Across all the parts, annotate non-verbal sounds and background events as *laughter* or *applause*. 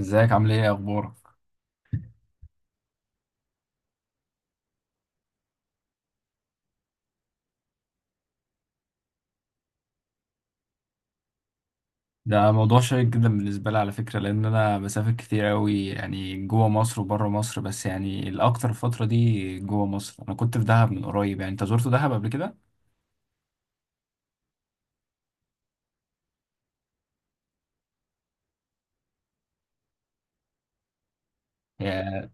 ازيك؟ عامل ايه؟ اخبارك؟ ده موضوع شيق جدا بالنسبه لي على فكره، لان انا بسافر كتير قوي يعني جوه مصر وبره مصر، بس يعني الاكتر الفتره دي جوه مصر. انا كنت في دهب من قريب. يعني انت زرت دهب قبل كده؟ هي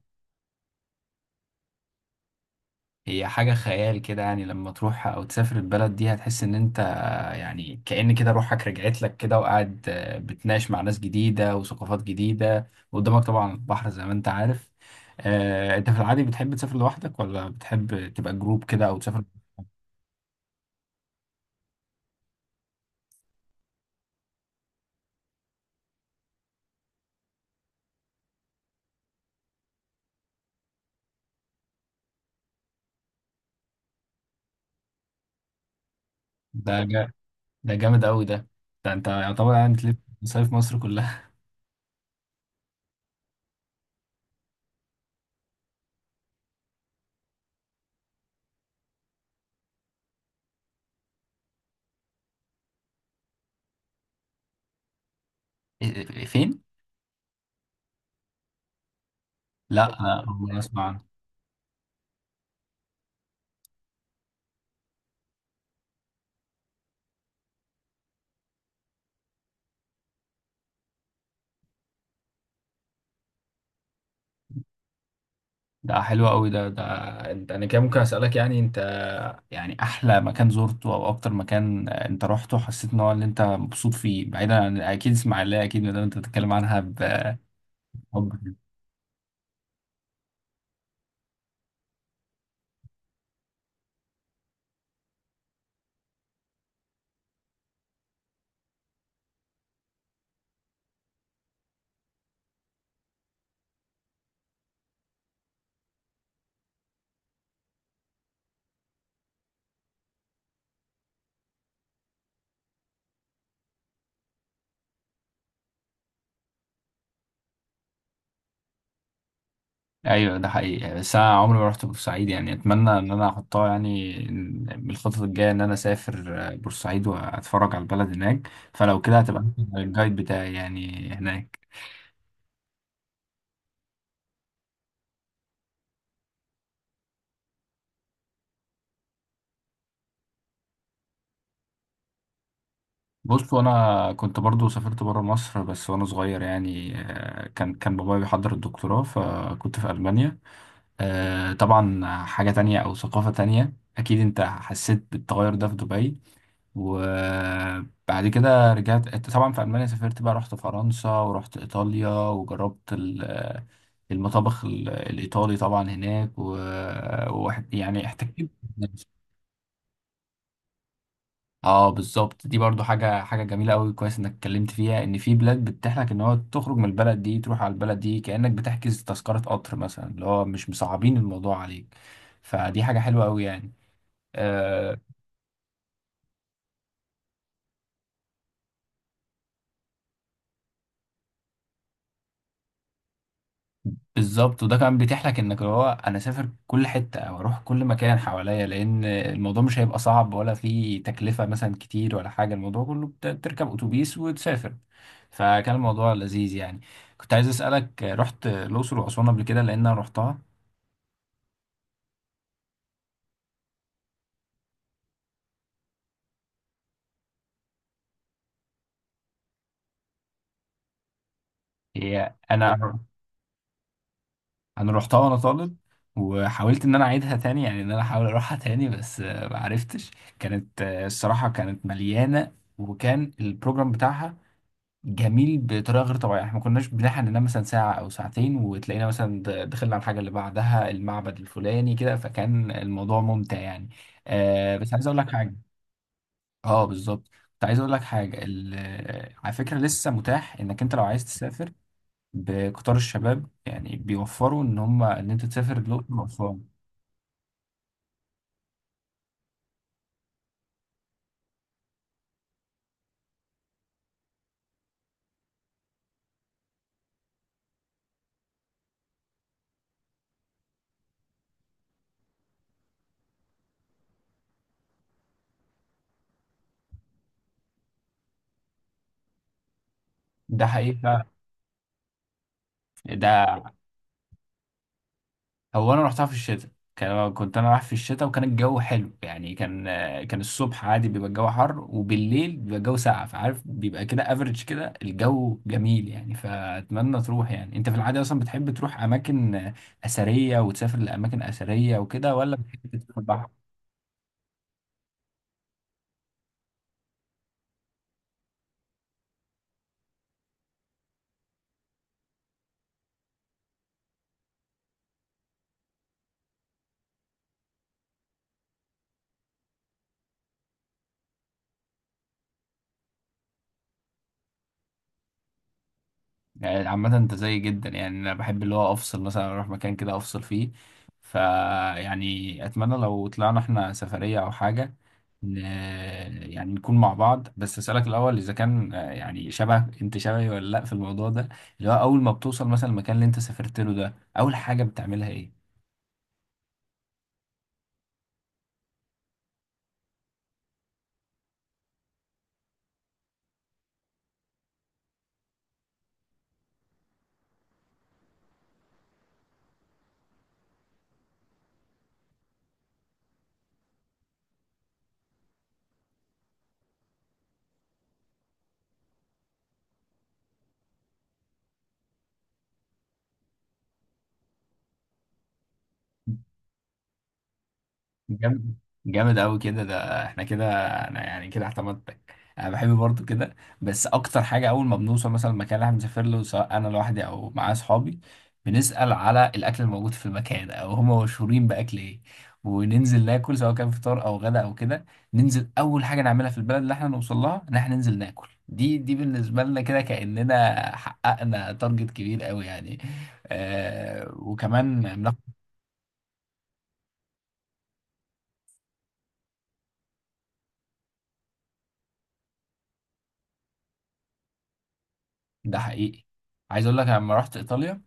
هي حاجه خيال كده يعني، لما تروح او تسافر البلد دي هتحس ان انت يعني كأن كده روحك رجعت لك كده وقاعد بتناقش مع ناس جديده وثقافات جديده، وقدامك طبعا البحر زي ما انت عارف. انت في العادي بتحب تسافر لوحدك، ولا بتحب تبقى جروب كده او تسافر؟ ده ده جامد قوي ده. ده انت يعتبر يعني تلف مصايف مصر كلها. فين؟ لا انا أول مرة اسمع عنه. حلو قوي ده. ده انت، انا كده ممكن اسالك يعني، انت يعني احلى مكان زرته او اكتر مكان انت رحته حسيت ان هو اللي انت مبسوط فيه، بعيدا عن اكيد اسماعيليه اكيد ما دام انت بتتكلم عنها بحب. ايوه ده حقيقي يعني، بس انا عمري ما رحت بورسعيد. يعني اتمنى ان انا احطها يعني من الخطط الجايه ان انا اسافر بورسعيد واتفرج على البلد هناك. فلو كده هتبقى أنت الجايد بتاعي يعني هناك. بص، وانا كنت برضو سافرت بره مصر، بس وانا صغير يعني. كان بابايا بيحضر الدكتوراه فكنت في المانيا. طبعا حاجه تانية او ثقافه تانية، اكيد انت حسيت بالتغير ده في دبي. وبعد كده رجعت طبعا في ألمانيا، سافرت بقى، رحت فرنسا ورحت إيطاليا وجربت المطابخ الإيطالي طبعا هناك وواحد يعني احتكيت بالناس. اه بالظبط، دي برضو حاجة جميلة قوي. كويس انك اتكلمت فيها، ان في بلاد بتتيح لك ان هو تخرج من البلد دي تروح على البلد دي، كأنك بتحجز تذكرة قطر مثلا، اللي هو مش مصعبين الموضوع عليك. فدي حاجة حلوة قوي يعني. آه، بالظبط. وده كمان بيتيح لك انك هو انا اسافر كل حته او اروح كل مكان حواليا، لان الموضوع مش هيبقى صعب، ولا فيه تكلفه مثلا كتير ولا حاجه. الموضوع كله بتركب اتوبيس وتسافر. فكان الموضوع لذيذ يعني. كنت عايز اسالك، رحت الاقصر واسوان قبل كده؟ لان انا رحتها. هي انا انا رحتها وانا طالب، وحاولت ان انا اعيدها تاني يعني، ان انا احاول اروحها تاني، بس ما عرفتش. كانت الصراحه كانت مليانه، وكان البروجرام بتاعها جميل بطريقه غير طبيعيه. احنا ما كناش بنلحق ننام مثلا ساعه او ساعتين وتلاقينا مثلا دخلنا على الحاجه اللي بعدها، المعبد الفلاني كده. فكان الموضوع ممتع يعني. آه بس عايز اقول لك حاجه. اه بالظبط، كنت عايز اقول لك حاجه، على فكره لسه متاح انك انت لو عايز تسافر بقطار الشباب. يعني بيوفروا ان هم ان انت تسافر الاقصر واسوان. ده حقيقي فعلا. ده هو انا رحتها في الشتاء. كنت انا رايح في الشتاء وكان الجو حلو يعني. كان الصبح عادي بيبقى الجو حر، وبالليل بيبقى الجو ساقع، فعارف بيبقى كده افريج كده، الجو جميل يعني. فاتمنى تروح. يعني انت في العادة اصلا بتحب تروح اماكن اثرية وتسافر لاماكن اثرية وكده، ولا بتحب تسافر؟ يعني عامة انت زي جدا يعني، انا بحب اللي هو افصل، مثلا اروح مكان كده افصل فيه. فا يعني اتمنى لو طلعنا احنا سفرية او حاجة. ن... آه، يعني نكون مع بعض. بس اسألك الاول اذا كان يعني شبه، انت شبهي ولا لا في الموضوع ده، اللي هو اول ما بتوصل مثلا المكان اللي انت سافرت له ده، اول حاجة بتعملها ايه؟ جامد، جامد قوي كده ده. احنا كده، انا يعني كده اعتمدتك. انا بحب برضو كده، بس اكتر حاجه اول ما بنوصل مثلا المكان اللي احنا بنسافر له، سواء انا لوحدي او معايا اصحابي، بنسال على الاكل الموجود في المكان او هم مشهورين باكل ايه، وننزل ناكل سواء كان فطار او غدا او كده. ننزل اول حاجه نعملها في البلد اللي احنا نوصل لها ان احنا ننزل ناكل. دي بالنسبه لنا كده كاننا حققنا تارجت كبير قوي يعني. آه وكمان بناخد- ده حقيقي. عايز اقول لك، أنا لما رحت ايطاليا،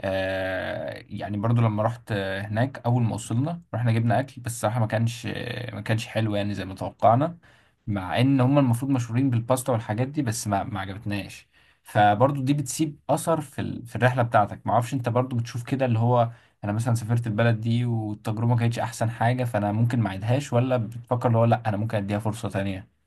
يعني برضو لما رحت هناك، اول ما وصلنا رحنا جبنا اكل، بس الصراحه ما كانش ما كانش حلو يعني زي ما توقعنا، مع ان هم المفروض مشهورين بالباستا والحاجات دي، بس ما عجبتناش. فبرضو دي بتسيب اثر في الرحله بتاعتك. ما اعرفش انت برضو بتشوف كده، اللي هو انا مثلا سافرت البلد دي والتجربه ما كانتش احسن حاجه، فانا ممكن ما اعيدهاش، ولا بتفكر اللي هو لا انا ممكن اديها فرصه تانية؟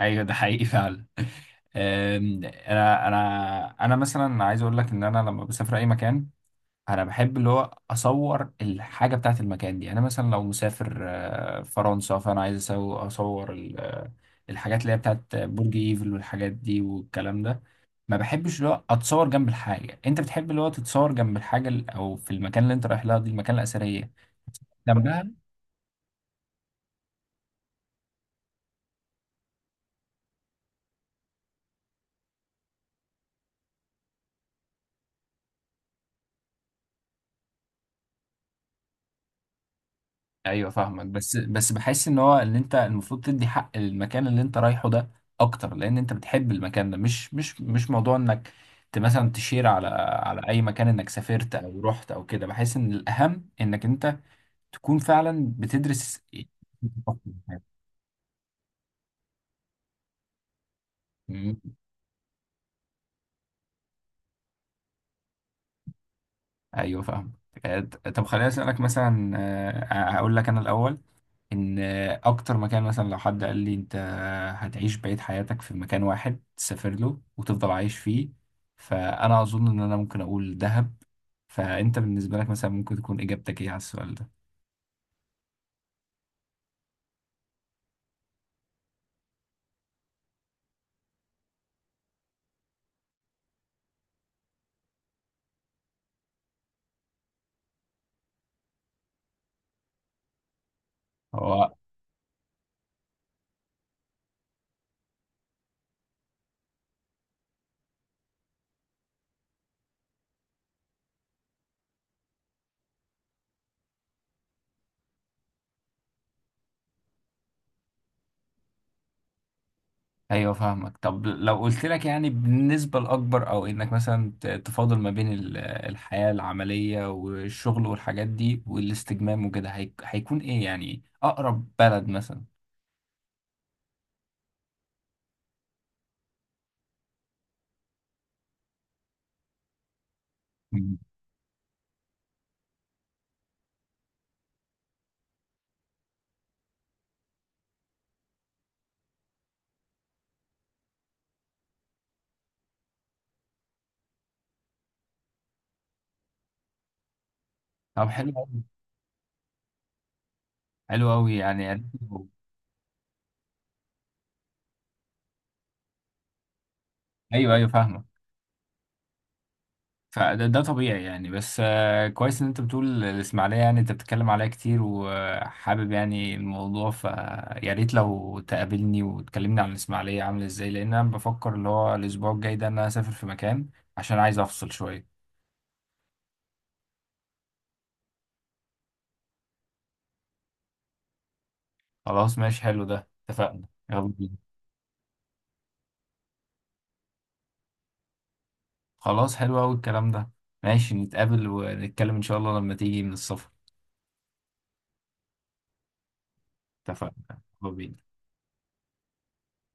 ايوه ده حقيقي فعلا. أم، انا انا انا مثلا عايز اقول لك ان انا لما بسافر اي مكان، انا بحب اللي هو اصور الحاجه بتاعت المكان دي. انا مثلا لو مسافر فرنسا، فانا عايز اصور الحاجات اللي هي بتاعت برج ايفل والحاجات دي والكلام ده. ما بحبش اللي هو اتصور جنب الحاجه. انت بتحب اللي هو تتصور جنب الحاجه او في المكان اللي انت رايح لها دي، المكان الاثريه جنبها. ايوه فاهمك، بس بحس ان هو اللي انت المفروض تدي حق للمكان اللي انت رايحه ده اكتر، لان انت بتحب المكان ده، مش موضوع انك مثلا تشير على على اي مكان انك سافرت او رحت او كده. بحس ان الاهم انك انت تكون فعلا بتدرس إيه. مم. ايوه فاهم. آه، طب خليني اسالك مثلا، هقول لك انا الاول ان اكتر مكان مثلا لو حد قال لي انت هتعيش بقية حياتك في مكان واحد تسافر له وتفضل عايش فيه، فانا اظن ان انا ممكن اقول دهب. فانت بالنسبة لك مثلا ممكن تكون اجابتك ايه على السؤال ده؟ هو ايوه فاهمك. طب لو قلت لك يعني بالنسبة الاكبر، او انك مثلا تفاضل ما بين الحياة العملية والشغل والحاجات دي والاستجمام وكده، هيكون ايه يعني اقرب بلد مثلا؟ مم. طب حلو أوي. حلو قوي يعني. *laughs* ايوه ايوه فاهمك. فده ده طبيعي يعني، بس كويس ان انت بتقول الاسماعيليه، يعني انت بتتكلم عليها كتير وحابب يعني الموضوع. فيا ريت لو تقابلني وتكلمني عن الاسماعيليه عامله ازاي، لان انا بفكر اللي هو الاسبوع الجاي ده ان انا اسافر في مكان عشان عايز افصل شويه. خلاص ماشي، حلو ده، اتفقنا، يلا بينا. خلاص حلو قوي الكلام ده. ماشي نتقابل ونتكلم ان شاء الله لما تيجي من السفر. اتفقنا. يلا بينا.